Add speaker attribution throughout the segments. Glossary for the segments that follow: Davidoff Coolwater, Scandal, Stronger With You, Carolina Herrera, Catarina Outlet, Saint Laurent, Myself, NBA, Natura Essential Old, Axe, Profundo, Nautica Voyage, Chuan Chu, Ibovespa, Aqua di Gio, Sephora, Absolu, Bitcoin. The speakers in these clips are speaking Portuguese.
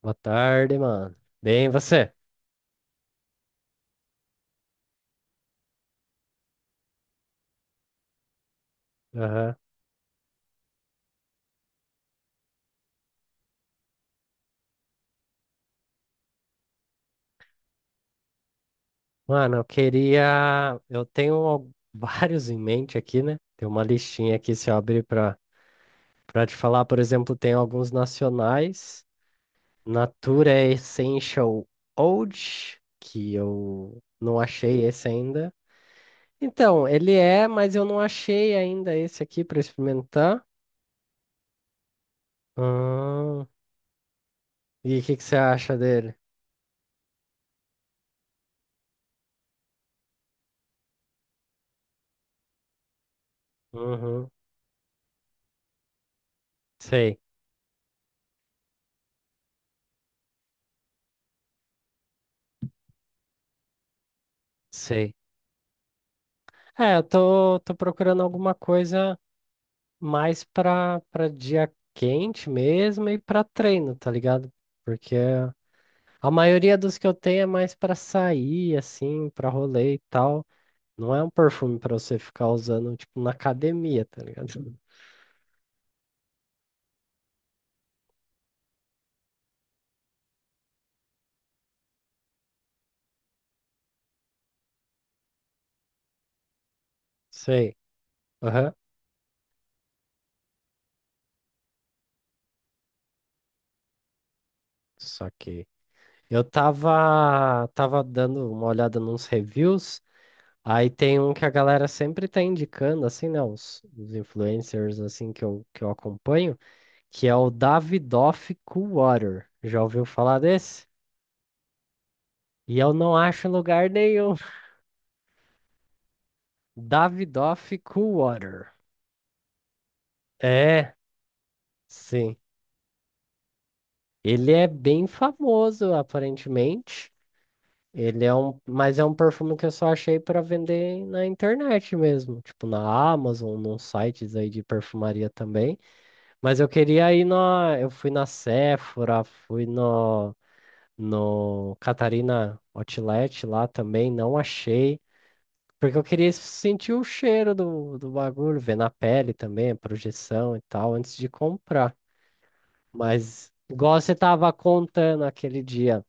Speaker 1: Boa tarde, mano. Bem, e você? Aham. Mano, eu queria. Eu tenho vários em mente aqui, né? Tem uma listinha aqui, se eu abrir pra te falar, por exemplo, tem alguns nacionais. Natura Essential Old, que eu não achei esse ainda. Então, ele é, mas eu não achei ainda esse aqui pra experimentar. Ah, e o que que você acha dele? Uhum. Sei, sei. É, eu tô procurando alguma coisa mais pra dia quente mesmo e pra treino, tá ligado? Porque a maioria dos que eu tenho é mais pra sair, assim, pra rolê e tal. Não é um perfume pra você ficar usando, tipo, na academia, tá ligado? Sei. Aham. Só que eu tava dando uma olhada nos reviews, aí tem um que a galera sempre tá indicando, assim, né? Os influencers, assim, que eu acompanho, que é o Davidoff Coolwater. Já ouviu falar desse? E eu não acho em lugar nenhum. Davidoff Coolwater. É, sim. Ele é bem famoso, aparentemente. Ele é um, mas é um perfume que eu só achei para vender na internet mesmo, tipo na Amazon, nos sites aí de perfumaria também. Mas eu fui na Sephora, fui no Catarina Outlet lá também, não achei. Porque eu queria sentir o cheiro do bagulho, ver na pele também, a projeção e tal, antes de comprar. Mas, igual você tava contando aquele dia,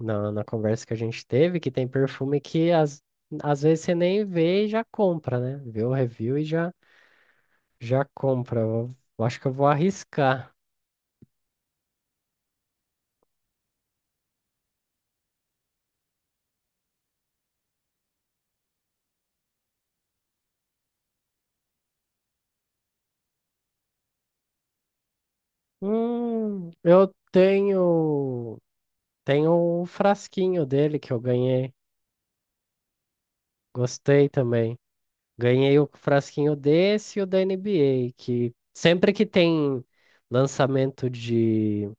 Speaker 1: na conversa que a gente teve, que tem perfume que às vezes você nem vê e já compra, né? Vê o review e já compra. Eu acho que eu vou arriscar. Eu tenho um frasquinho dele que eu ganhei. Gostei também. Ganhei o frasquinho desse e o da NBA, que sempre que tem lançamento de,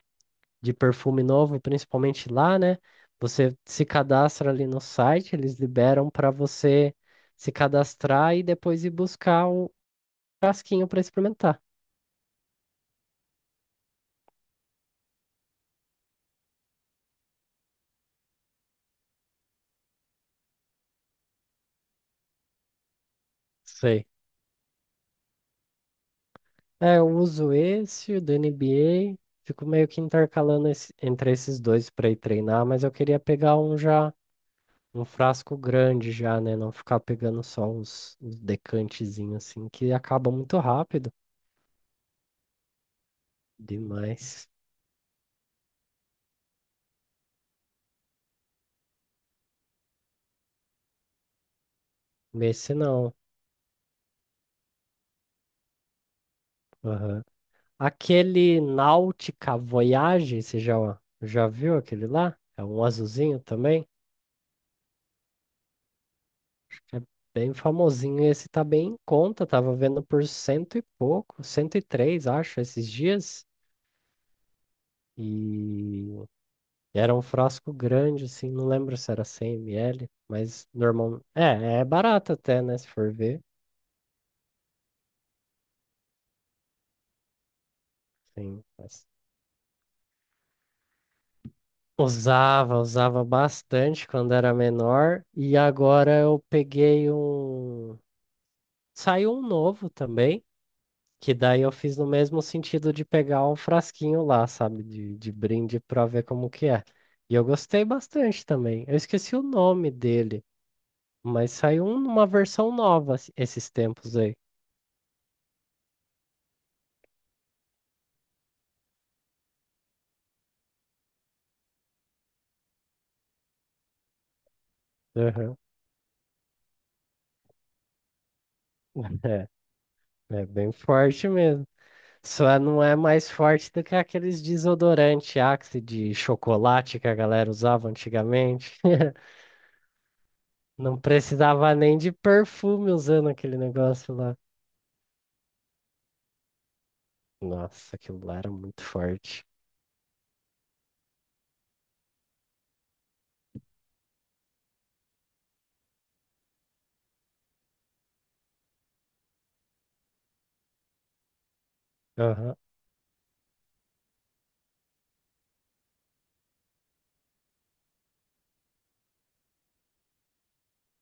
Speaker 1: de perfume novo, principalmente lá, né? Você se cadastra ali no site, eles liberam para você se cadastrar e depois ir buscar o frasquinho para experimentar. Sei. É, eu uso esse, o da NBA, fico meio que intercalando entre esses dois para ir treinar, mas eu queria pegar um já um frasco grande já, né? Não ficar pegando só os uns decantezinhos assim, que acaba muito rápido. Demais. Esse não. Aham. Aquele Nautica Voyage, você já viu aquele lá? É um azulzinho também. É bem famosinho. Esse tá bem em conta. Tava vendo por cento e pouco, 103 acho, esses dias. E E era um frasco grande, assim, não lembro se era 100 ml, mas normal. É barato até, né? Se for ver. Sim, Usava bastante quando era menor. E agora eu peguei um. Saiu um novo também, que daí eu fiz no mesmo sentido de pegar um frasquinho lá, sabe? De brinde pra ver como que é. E eu gostei bastante também. Eu esqueci o nome dele, mas saiu uma versão nova esses tempos aí. Aham. É. É bem forte mesmo. Só não é mais forte do que aqueles desodorante Axe de chocolate que a galera usava antigamente. Não precisava nem de perfume usando aquele negócio lá. Nossa, aquilo lá era muito forte. Aham,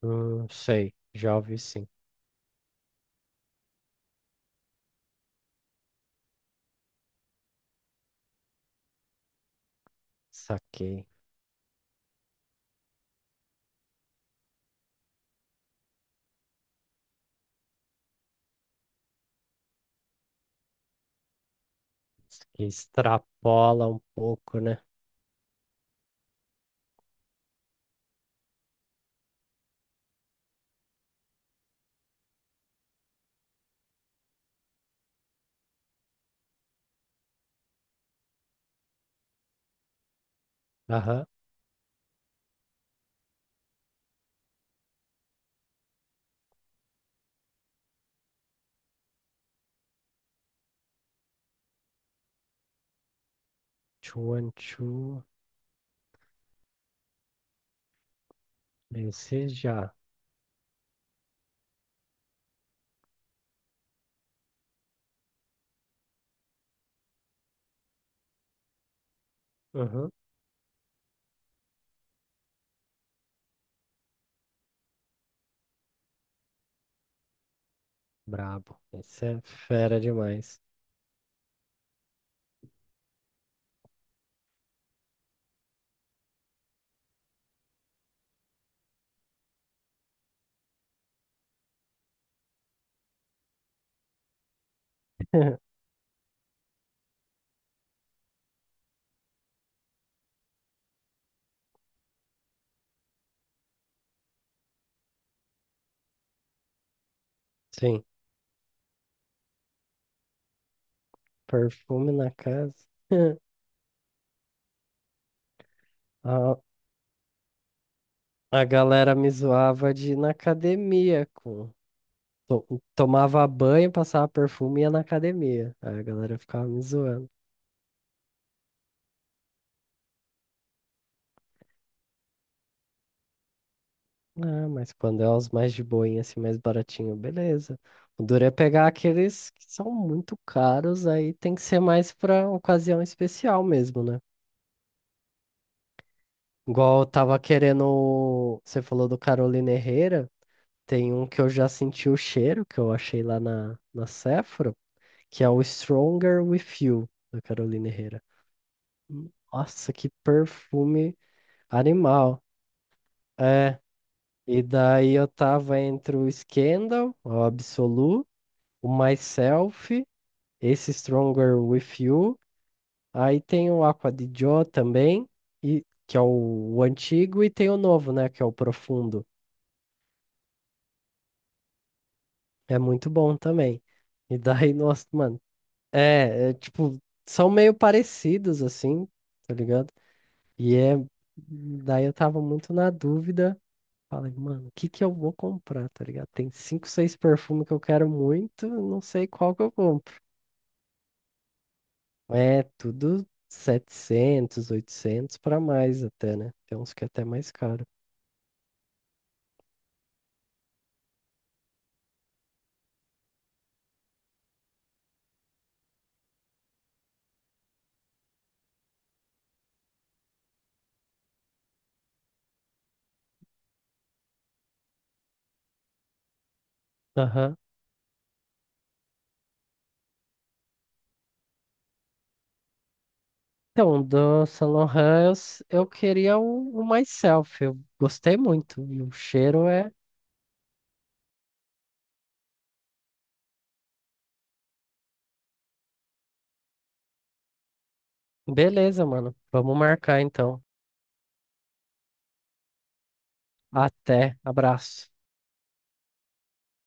Speaker 1: hum, sei, já ouvi sim. Saquei. Isso aqui extrapola um pouco, né? Aham. Chuan Chu. Esse já. Aham. Brabo. Esse é fera demais. Sim. Perfume na casa. A, a galera me zoava de ir na academia com. Tomava banho, passava perfume e ia na academia. Aí a galera ficava me zoando. Ah, mas quando é os mais de boinha, assim, mais baratinho, beleza. O duro é pegar aqueles que são muito caros, aí tem que ser mais pra ocasião especial mesmo, né? Igual eu tava querendo. Você falou do Carolina Herrera. Tem um que eu já senti o cheiro, que eu achei lá na Sephora, que é o Stronger With You, da Carolina Herrera. Nossa, que perfume animal. É, e daí eu tava entre o Scandal, o Absolu, o Myself, esse Stronger With You, aí tem o Aqua di Gio também, e, que é o antigo, e tem o novo, né, que é o Profundo. É muito bom também. E daí, nossa, mano, é tipo, são meio parecidos, assim, tá ligado? E é. Daí eu tava muito na dúvida. Falei, mano, o que que eu vou comprar, tá ligado? Tem cinco, seis perfumes que eu quero muito, não sei qual que eu compro. É tudo 700, 800 pra mais até, né? Tem uns que é até mais caro. Aham. Então, do Saint Laurent, eu queria o Myself. Eu gostei muito. E o cheiro é. Beleza, mano. Vamos marcar então. Até. Abraço.